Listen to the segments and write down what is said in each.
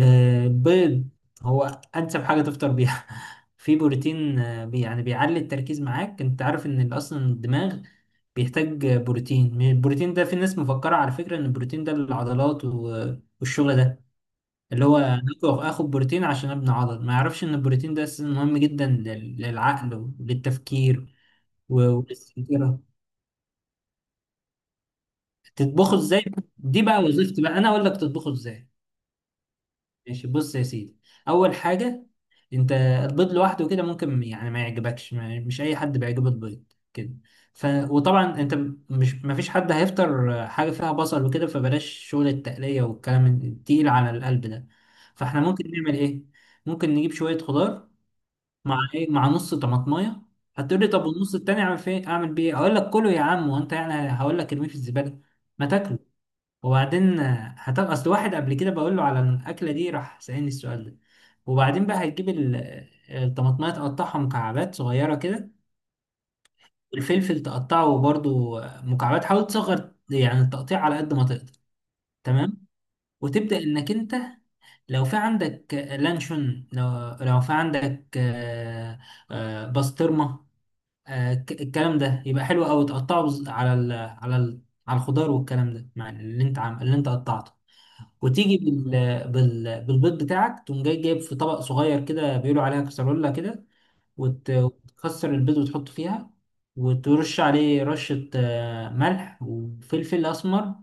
البيض هو انسب حاجه تفطر بيها. في بروتين، آه، بي يعني بيعلي التركيز معاك. انت عارف ان اصلا الدماغ بيحتاج بروتين. من البروتين ده في ناس مفكره على فكره ان البروتين ده للعضلات والشغل ده، اللي هو اخد بروتين عشان ابني عضل. ما يعرفش ان البروتين ده اساسا مهم جدا للعقل وللتفكير وللذاكره. تطبخه ازاي؟ دي بقى وظيفتي، بقى انا اقول لك تطبخه ازاي. ماشي، بص يا سيدي. اول حاجه، انت البيض لوحده كده ممكن يعني ما يعجبكش. ما مش اي حد بيعجبه البيض كده. وطبعا انت مش، ما فيش حد هيفطر حاجه فيها بصل وكده، فبلاش شغل التقليه والكلام التقيل على القلب ده. فاحنا ممكن نعمل ايه؟ ممكن نجيب شويه خضار مع نص طماطمايه. هتقول لي، طب والنص التاني اعمل بيه إيه؟ اقول لك كله يا عم. وانت يعني هقول لك ارميه في الزباله؟ ما تاكله. وبعدين هتبقى، اصل واحد قبل كده بقول له على الاكله دي راح سالني السؤال ده. وبعدين بقى هتجيب الطماطمايه، تقطعها مكعبات صغيره كده. والفلفل تقطعه برضو مكعبات، حاول تصغر يعني التقطيع على قد ما تقدر. تمام. وتبدا انك انت، لو في عندك لانشون، لو في عندك بسطرمه، الكلام ده يبقى حلو قوي. تقطعه على الخضار والكلام ده مع اللي انت قطعته. وتيجي بالبيض بتاعك. تقوم جاي جايب في طبق صغير كده بيقولوا عليها كسرولة كده، وتكسر البيض وتحطه فيها. وترش عليه رشة ملح وفلفل أسمر.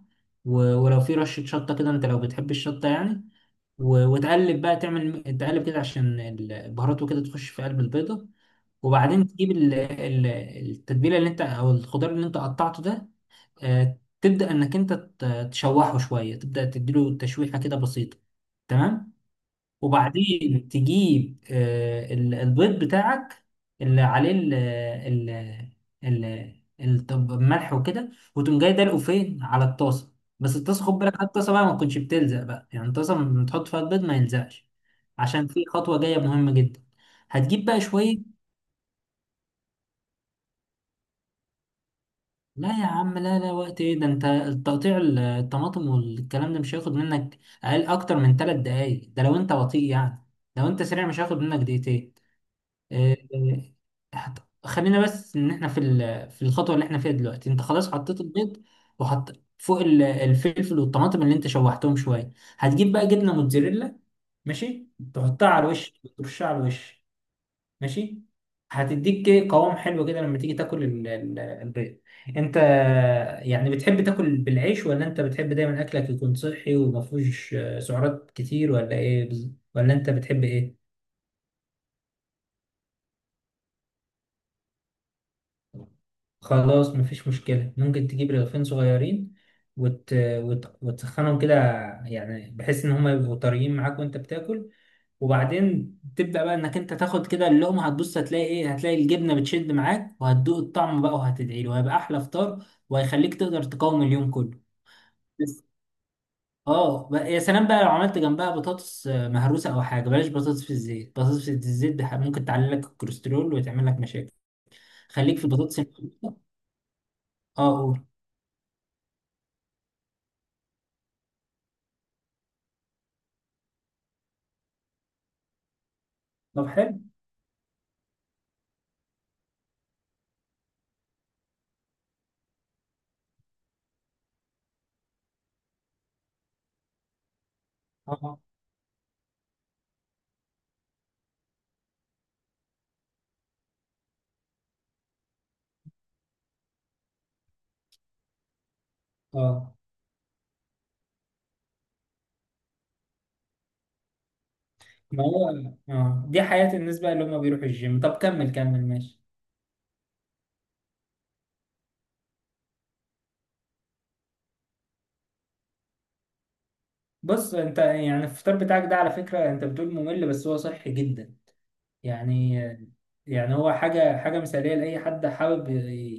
ولو في رشة شطة كده، أنت لو بتحب الشطة يعني. وتقلب بقى، تقلب كده عشان البهارات وكده تخش في قلب البيضة. وبعدين تجيب التتبيلة اللي أنت، أو الخضار اللي أنت قطعته ده، تبدأ إنك أنت تشوحه شوية. تبدأ تديله تشويحة كده بسيطة. تمام. وبعدين تجيب البيض بتاعك اللي عليه الملح وكده، وتقوم جاي دلقه فين على الطاسة. بس الطاسة، خد بالك على الطاسة بقى ما تكونش بتلزق بقى، يعني الطاسة لما تحط فيها البيض ما يلزقش، عشان في خطوة جاية مهمة جدا. هتجيب بقى شوية. لا يا عم، لا لا، وقت ايه ده؟ انت التقطيع، الطماطم والكلام ده مش هياخد منك اكتر من ثلاث دقايق، ده لو انت بطيء يعني. لو انت سريع مش هياخد منك دقيقتين. إيه، إيه، هت- خلينا بس ان احنا في الخطوه اللي احنا فيها دلوقتي. انت خلاص حطيت البيض، وحط فوق الفلفل والطماطم اللي انت شوحتهم شويه. هتجيب بقى جبنه موتزاريلا، ماشي، تحطها على الوش. ترشها على الوش، ماشي. هتديك قوام حلو كده لما تيجي تاكل البيض. انت يعني بتحب تاكل بالعيش، ولا انت بتحب دايما اكلك يكون صحي وما فيهوش سعرات كتير، ولا ايه ولا انت بتحب ايه؟ خلاص مفيش مشكلة، ممكن تجيب رغيفين صغيرين، وتسخنهم كده، يعني بحيث إن هما يبقوا طريين معاك وأنت بتاكل. وبعدين تبدأ بقى إنك أنت تاخد كده اللقمة. هتبص، هتلاقي إيه؟ هتلاقي الجبنة بتشد معاك، وهتدوق الطعم بقى وهتدعي له، وهيبقى أحلى فطار، وهيخليك تقدر تقاوم اليوم كله. بس، اه بقى يا سلام بقى، لو عملت جنبها بطاطس مهروسة أو حاجة، بلاش بطاطس في الزيت. بطاطس في الزيت ده ممكن تعلي لك الكوليسترول وتعمل لك مشاكل. خليك في البطاطس المهروسة. اه قول. طب حلو. اه. اه. ما هو اه، دي حياة الناس بقى اللي هم بيروحوا الجيم. طب كمل كمل، ماشي. بص، انت يعني الفطار بتاعك ده على فكرة انت بتقول ممل، بس هو صحي جدا، يعني. هو حاجة حاجة مثالية لأي حد حابب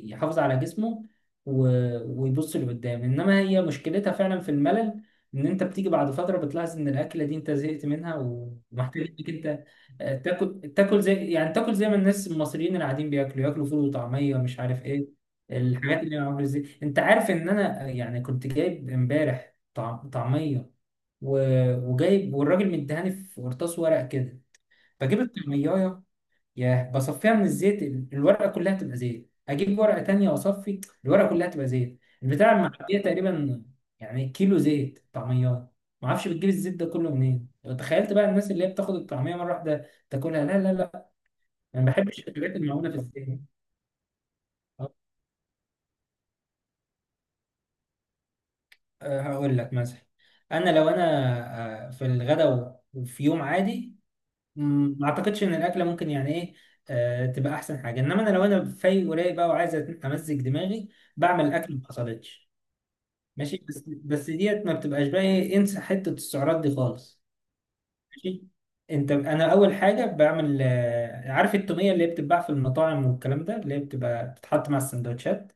يحافظ على جسمه، ويبص لقدام. إنما هي مشكلتها فعلا في الملل، إن أنت بتيجي بعد فترة بتلاحظ إن الأكلة دي أنت زهقت منها، ومحتاج إنك أنت تاكل، تاكل زي يعني تاكل زي ما الناس المصريين العاديين ياكلوا فول وطعمية مش عارف إيه، الحاجات اللي معمولة، زي أنت عارف إن أنا يعني كنت جايب إمبارح طعمية، وجايب، والراجل مديهاني في قرطاس ورق كده. بجيب الطعمية، ياه، بصفيها من الزيت، الورقة كلها تبقى زيت. أجيب ورقة تانية وأصفي، الورقة كلها تبقى زيت، البتاع المحلية تقريبا، يعني كيلو زيت طعميات. معرفش بتجيب الزيت ده كله منين. تخيلت بقى الناس اللي هي بتاخد الطعمية مرة واحدة تاكلها. لا لا لا، أنا ما بحبش الحاجات المعمولة في الزيت. أه، هقول لك مثلا. أنا، لو أنا في الغداء وفي يوم عادي، ما أعتقدش إن الأكلة ممكن يعني إيه تبقى أحسن حاجة. إنما أنا، لو أنا فايق ورايق بقى وعايز أمزج دماغي، بعمل اكل ما حصلتش. ماشي، بس ديت ما بتبقاش بقى ايه، انسى حتة السعرات دي خالص. ماشي. انا اول حاجة بعمل، عارف التومية اللي هي بتتباع في المطاعم والكلام ده، اللي هي بتبقى بتتحط مع السندوتشات.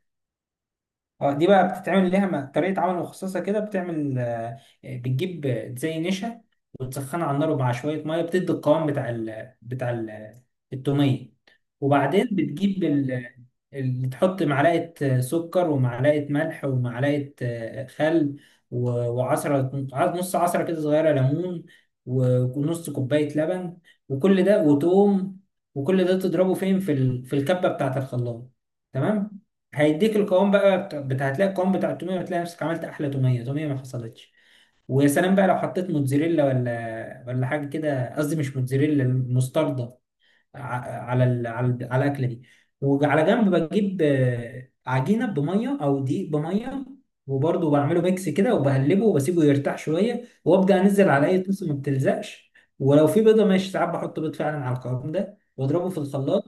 اه، دي بقى بتتعمل ليها طريقة عمل مخصصة كده. بتعمل، بتجيب زي نشا، وتسخنها على النار مع شوية مية، بتدي القوام بتاع بتاع التومية. وبعدين بتجيب تحط معلقة سكر، ومعلقة ملح، ومعلقة خل، نص عصرة كده صغيرة ليمون، ونص كوباية لبن. وكل ده وتوم، وكل ده تضربه فين في الكبة بتاعة الخلاط. تمام. هيديك القوام بقى بتاع هتلاقي القوام بتاع التوميه، وتلاقي نفسك عملت احلى توميه، توميه ما حصلتش. ويا سلام بقى لو حطيت موتزاريلا ولا حاجه كده، قصدي مش موتزاريلا المستردة، على الاكله دي. وعلى جنب بجيب عجينه بميه او دقيق بميه، وبرضه بعمله ميكس كده وبقلبه وبسيبه يرتاح شويه، وابدا انزل على اي طاسه ما بتلزقش. ولو في بيضه، ماشي ساعات بحط بيض فعلا على القوام ده واضربه في الخلاط،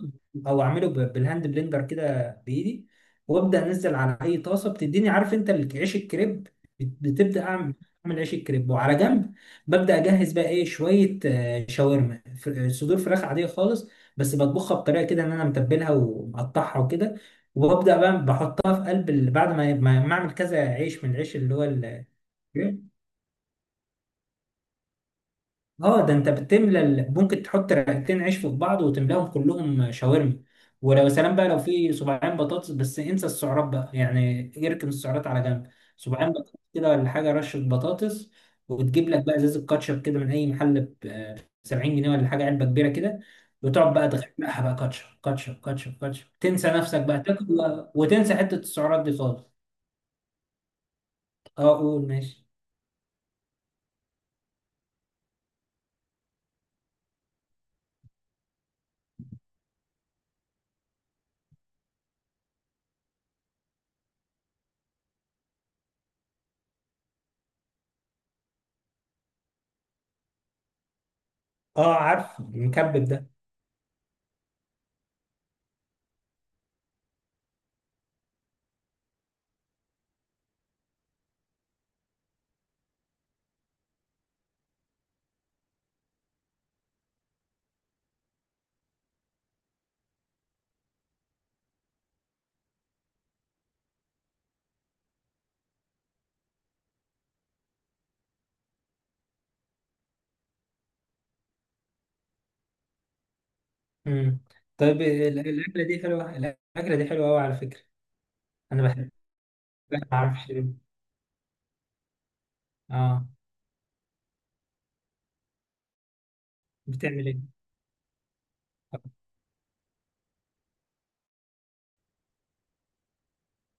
او اعمله بالهاند بلندر كده بايدي. وابدا انزل على اي طاسه بتديني، عارف انت عيش الكريب؟ بتبدا اعمل عيش الكريب. وعلى جنب ببدا اجهز بقى ايه، شويه شاورما، صدور فراخ عاديه خالص. بس بطبخها بطريقه كده، ان انا متبلها ومقطعها وكده. وببدا بقى بحطها في قلب بعد ما اعمل كذا عيش من العيش اللي هو ال- اه. ده انت بتملى ممكن تحط رغيفين عيش في بعض وتملاهم كلهم شاورما. ولو سلام بقى، لو في صباعين بطاطس، بس انسى السعرات بقى يعني، اركن السعرات على جنب. صباعين بطاطس كده ولا حاجه، رشه بطاطس. وتجيب لك بقى ازازه كاتشب كده من اي محل ب 70 جنيه ولا حاجه، علبه كبيره كده. وتقعد بقى تغرقها بقى، كاتشب كاتشب كاتشب كاتشب، تنسى نفسك بقى تاكل بقى، وتنسى حته السعرات دي خالص. اه قول ماشي. اه، عارف المكبب ده. مم. طيب، الأكلة دي حلوة، الأكلة دي حلوة أوي على فكرة. أنا بحبها، ما أعرفش ليه. آه. بتعمل إيه؟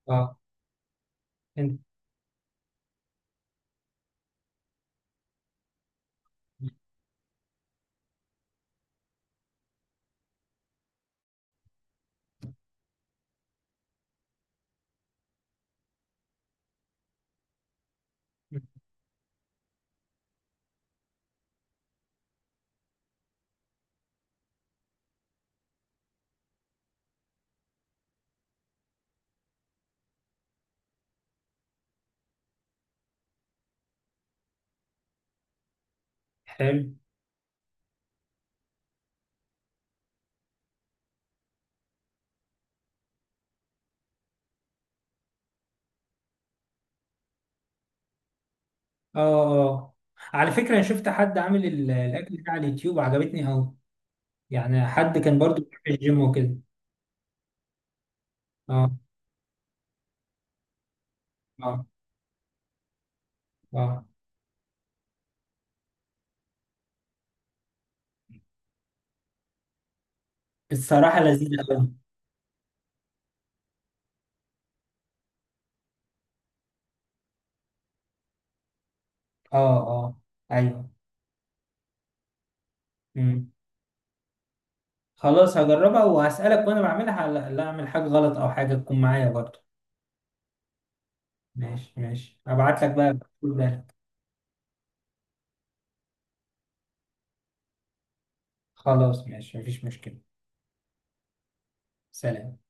آه. أنت. حلو. آه، آه، على فكرة أنا شفت حد عامل الأكل ده على اليوتيوب وعجبتني أوي. يعني حد كان برضو بيروح الجيم وكده. آه، آه، آه. الصراحة لذيذة أوي. آه، آه. أيوه. مم. خلاص، هجربها وهسألك وأنا بعملها، لا أعمل حاجة غلط أو حاجة، تكون معايا برضو. ماشي ماشي، أبعت لك بقى كل ده. خلاص ماشي، مفيش مشكلة. سلام.